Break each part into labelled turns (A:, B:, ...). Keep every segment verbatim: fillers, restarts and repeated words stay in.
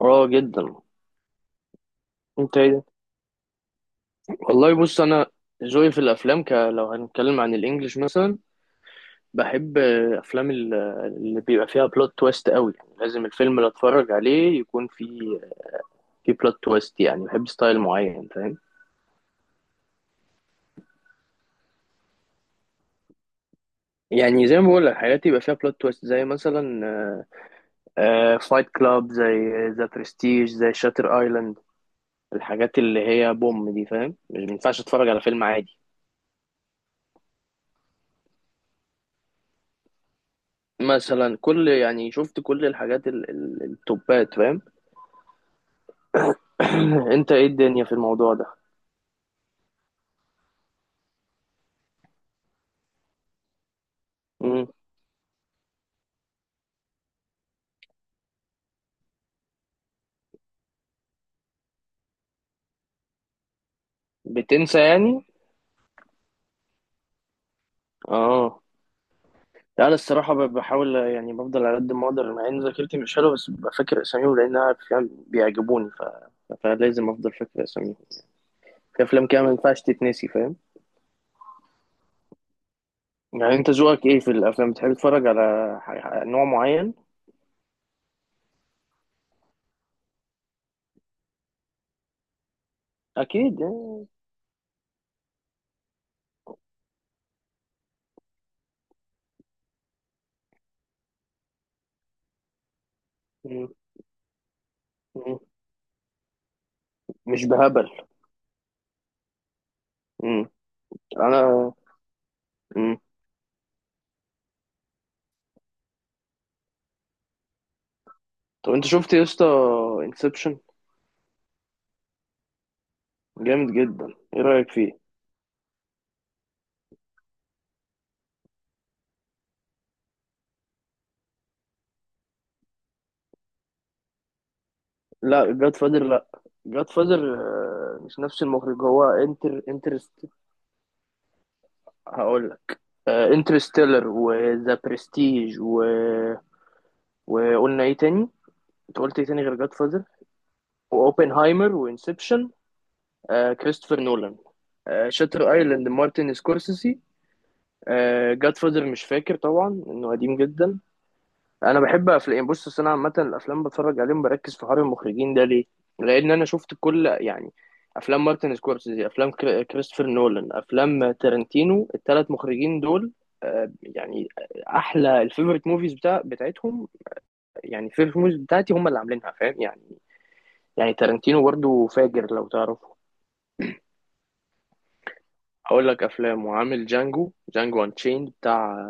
A: اه جدا. انت ايه ده؟ والله بص، انا ذوقي في الافلام ك... لو هنتكلم عن الانجليش مثلا، بحب آه، افلام ال- اللي بيبقى فيها بلوت تويست قوي. يعني لازم الفيلم اللي اتفرج عليه يكون فيه في بلوت تويست، يعني بحب ستايل معين، فاهم. يعني زي ما بقول لك، حاجات يبقى فيها بلوت تويست، زي مثلا فايت كلاب، زي ذا برستيج، زي شاتر ايلاند. الحاجات اللي هي بوم دي، فاهم؟ مش ما ينفعش اتفرج على فيلم عادي. مثلا كل، يعني شفت كل الحاجات ال- ال- التوبات، فاهم؟ انت ايه الدنيا في الموضوع ده؟ مم. بتنسى يعني؟ اه. لا انا الصراحه ب- بحاول، يعني بفضل على قد ما اقدر، مع ان ذاكرتي مش حلوه بس ببقى فاكر اساميهم لانها فعلا بيعجبوني ف... فلازم افضل فاكر اساميهم. في افلام كده ما ينفعش تتنسي، فاهم؟ يعني انت ذوقك ايه في الافلام؟ بتحب تتفرج على ح- نوع معين؟ اكيد يعني. مم. مم. مش بهبل. مم. انا. مم. طب انت شفت يا اسطى انسبشن؟ جامد جدا، ايه رايك فيه؟ لا جاد فادر لا، جاد فادر مش نفس المخرج. هو انتر انترست هقول لك، انترستيلر وذا برستيج و... وقلنا ايه تاني؟ انت قلت ايه تاني غير جاد فادر؟ واوبنهايمر وانسبشن. آه، كريستوفر نولان. آه، شاتر ايلاند مارتن سكورسيسي. آه، جاد فادر مش فاكر طبعا انه قديم جدا. انا بحب افلام، بص أصل انا عامه الافلام بتفرج عليهم بركز في حوار المخرجين. ده ليه؟ لان انا شفت كل، يعني افلام مارتن سكورسيزي، افلام كري- كريستوفر نولان، افلام تارنتينو. الثلاث مخرجين دول آه، يعني احلى الفيفوريت موفيز بتاع بتاعتهم، يعني الفيفوريت موفيز بتاعتي هم اللي عاملينها، فاهم؟ يعني يعني تارنتينو برضه فاجر لو تعرفه. اقول لك افلام، وعامل جانجو جانجو انشيند بتاع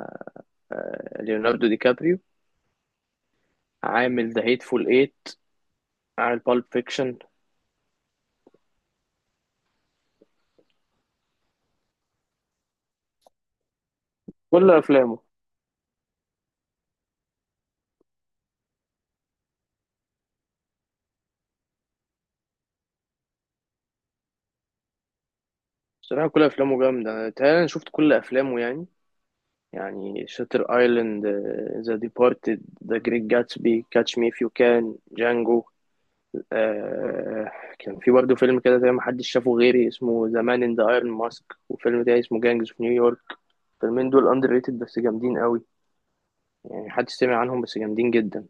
A: ليوناردو دي كابريو، عامل ذا هيتفول ايت، عامل بالب فيكشن. كل افلامه. بصراحة كل أفلامه جامدة، تهيألي أنا شفت كل أفلامه يعني. يعني شاتر أيلاند، ذا ديبارتد، ذا جريت جاتسبي، كاتش مي إف يو كان، جانجو. آه، كان في برضه فيلم كده زي ما حدش شافه غيري اسمه ذا مان إن ذا أيرون ماسك، وفيلم تاني اسمه جانجز في نيويورك. الفيلمين دول أندر ريتد بس جامدين قوي، يعني محدش سمع عنهم بس جامدين جدا.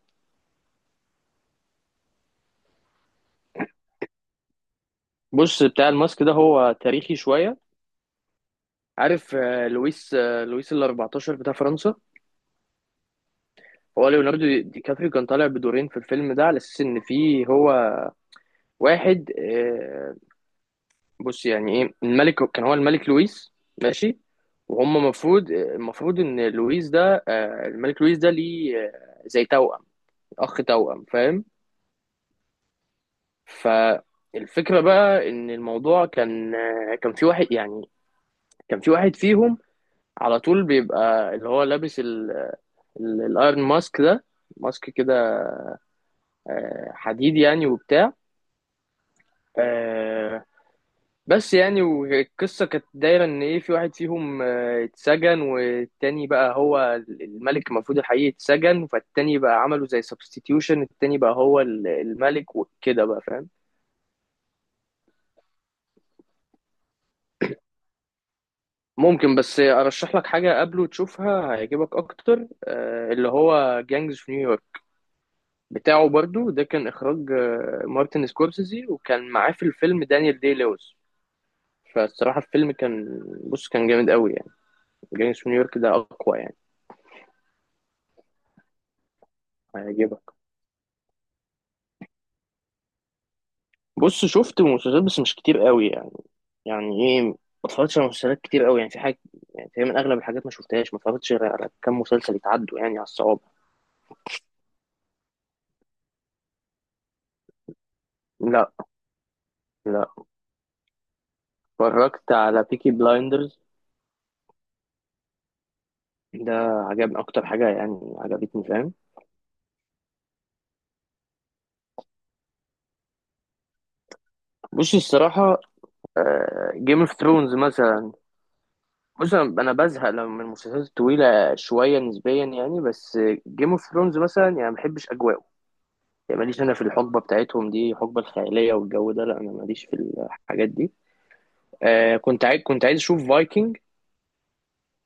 A: بص، بتاع الماسك ده هو تاريخي شوية. عارف آه، لويس، آه، لويس ال الرابع عشر بتاع فرنسا. هو ليوناردو دي دي كابريو كان طالع بدورين في الفيلم ده، على اساس ان فيه هو واحد، آه، بص يعني ايه، الملك كان هو الملك لويس. ماشي. وهم المفروض المفروض ان لويس ده آه، الملك لويس ده ليه آه، زي توأم، اخ توأم، فاهم؟ فالفكرة بقى ان الموضوع كان، آه، كان في واحد يعني، كان في واحد فيهم على طول بيبقى اللي هو لابس ال- ال- الايرون ماسك ده، ماسك كده آه، حديد يعني، وبتاع آه، بس يعني، والقصة كانت دايرة إن إيه، في واحد فيهم آه، اتسجن، والتاني بقى هو الملك المفروض الحقيقي اتسجن، فالتاني بقى عملوا زي سبستيتيوشن، التاني بقى هو ال- الملك وكده بقى، فاهم؟ ممكن، بس أرشح لك حاجة قبله تشوفها هيعجبك أكتر، آه، اللي هو جانجز في نيويورك بتاعه برضو، ده كان إخراج آه، مارتن سكورسيزي، وكان معاه في الفيلم دانيال دي لويس. فالصراحة الفيلم كان بص كان جامد قوي يعني. جانجز في نيويورك ده أقوى يعني. هيعجبك. بص شفت مسلسلات بس مش كتير قوي يعني. يعني ايه، ما اتفرجتش على مسلسلات كتير قوي يعني، في حاجه، يعني في من اغلب الحاجات ما شفتهاش، ما اتفرجتش غير على كام مسلسل يتعدوا يعني على الصوابع. لا. لا. اتفرجت على بيكي بلايندرز. ده عجبني اكتر حاجه، يعني عجبتني، فاهم؟ بص الصراحه، جيم اوف ثرونز مثلا. بص انا أنا بزهق لما من المسلسلات الطويله شويه نسبيا يعني بس. جيم اوف ثرونز مثلا يعني ما بحبش اجواءه، يعني ماليش انا في الحقبه بتاعتهم دي، الحقبه الخياليه والجو ده، لا انا ماليش في الحاجات دي. آه، كنت عايز كنت عايز اشوف فايكنج.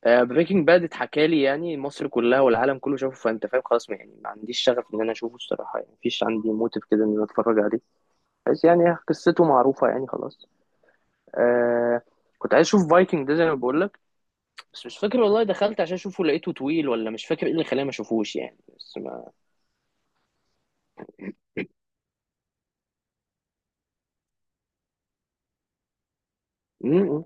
A: آه، بريكنج باد اتحكى لي يعني مصر كلها والعالم كله شافه، فانت فاهم خلاص، ما- يعني ما عنديش شغف ان انا اشوفه الصراحه يعني، مفيش عندي موتيف كده ان انا اتفرج عليه. بس يعني قصته معروفه يعني خلاص. آه، كنت عايز اشوف فايكنج ده زي ما بقول لك، بس مش فاكر والله، دخلت عشان اشوفه لقيته طويل، ولا مش فاكر ايه اللي خلاني ما اشوفوش يعني، بس ما م- م.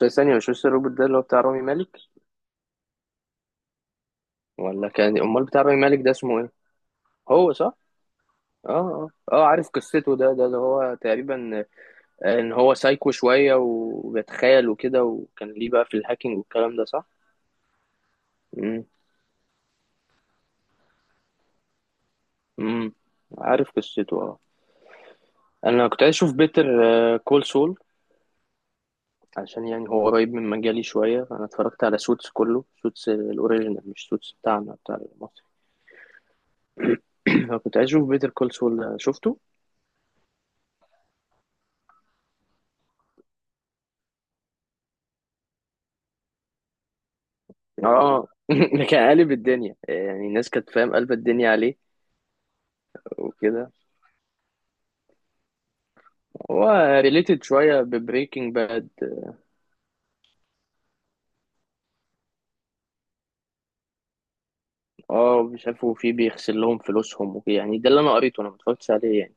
A: بس ثانيه، مش مستر روبوت ده اللي هو بتاع رامي مالك؟ ولا كان امال بتاع رامي مالك ده اسمه ايه؟ هو صح. اه اه اه، عارف قصته. ده ده اللي هو تقريبا ان هو سايكو شويه وبيتخيل وكده، وكان ليه بقى في الهاكينج والكلام ده، صح. امم امم عارف قصته اه. انا كنت عايز اشوف بيتر كول سول، عشان يعني هو قريب من مجالي شويه. انا اتفرجت على سوتس كله، سوتس الاوريجينال مش سوتس بتاعنا بتاع مصر. انا كنت عايز اشوف بيتر كول سول شفته. اه ده كان قالب الدنيا، يعني الناس كانت، فاهم؟ قلب الدنيا عليه وكده. هو ريليتد شويه ببريكنج باد. اه مش عارف، وفي بيغسل لهم فلوسهم وكده يعني، ده اللي انا قريته، انا ما اتفرجتش عليه يعني.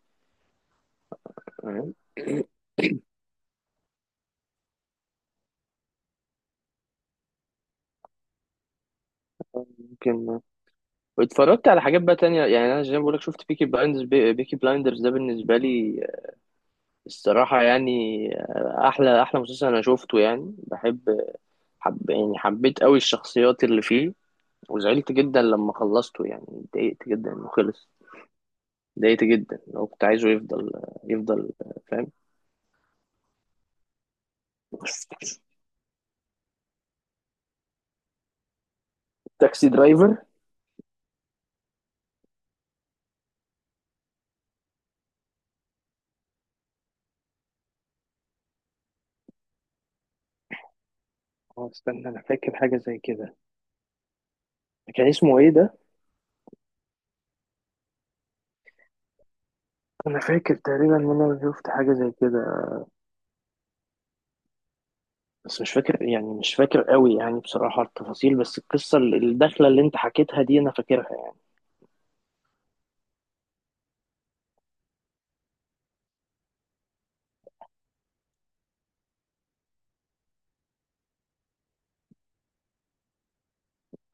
A: تمام؟ ممكن. واتفرجت على حاجات بقى تانية يعني. انا زي ما بقولك شفت بيكي بلايندرز، بي... بيكي بلايندرز ده بالنسبة لي الصراحة يعني آه، احلى احلى مسلسل انا شفته، يعني بحب حب... يعني حبيت قوي الشخصيات اللي فيه، وزعلت جدا لما خلصته يعني، اتضايقت جدا انه خلص. اتضايقت جدا، لو كنت عايزه يفضل، يفضل، فاهم؟ تاكسي درايفر. اه استنى انا فاكر حاجة زي كده. كان اسمه ايه ده؟ انا فاكر تقريبا ان انا شفت حاجه زي كده بس مش فاكر يعني، مش فاكر قوي يعني بصراحه التفاصيل، بس القصه الداخله اللي انت حكيتها دي انا فاكرها يعني.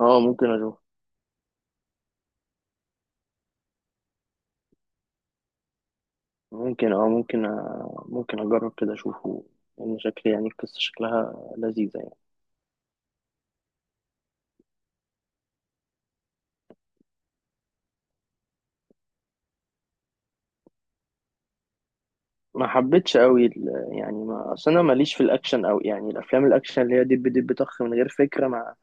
A: اه ممكن اشوف. ممكن اه، ممكن أ... ممكن اجرب كده اشوفه، لان شكل، يعني القصه شكلها لذيذه يعني. ما حبيتش قوي ال... يعني ما اصل انا ماليش في الاكشن قوي يعني، الافلام الاكشن اللي هي دب دب طخ من غير فكره، ما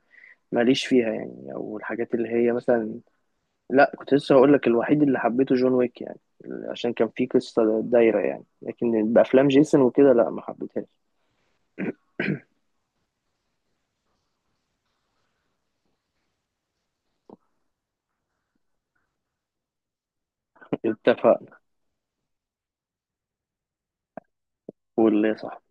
A: ماليش فيها يعني، او الحاجات اللي هي مثلا. لا كنت لسه هقول لك، الوحيد اللي حبيته جون ويك يعني، عشان كان فيه قصة دايرة يعني، لكن بأفلام جيسون وكده لا ما حبيتهاش. اتفقنا. واللي صح.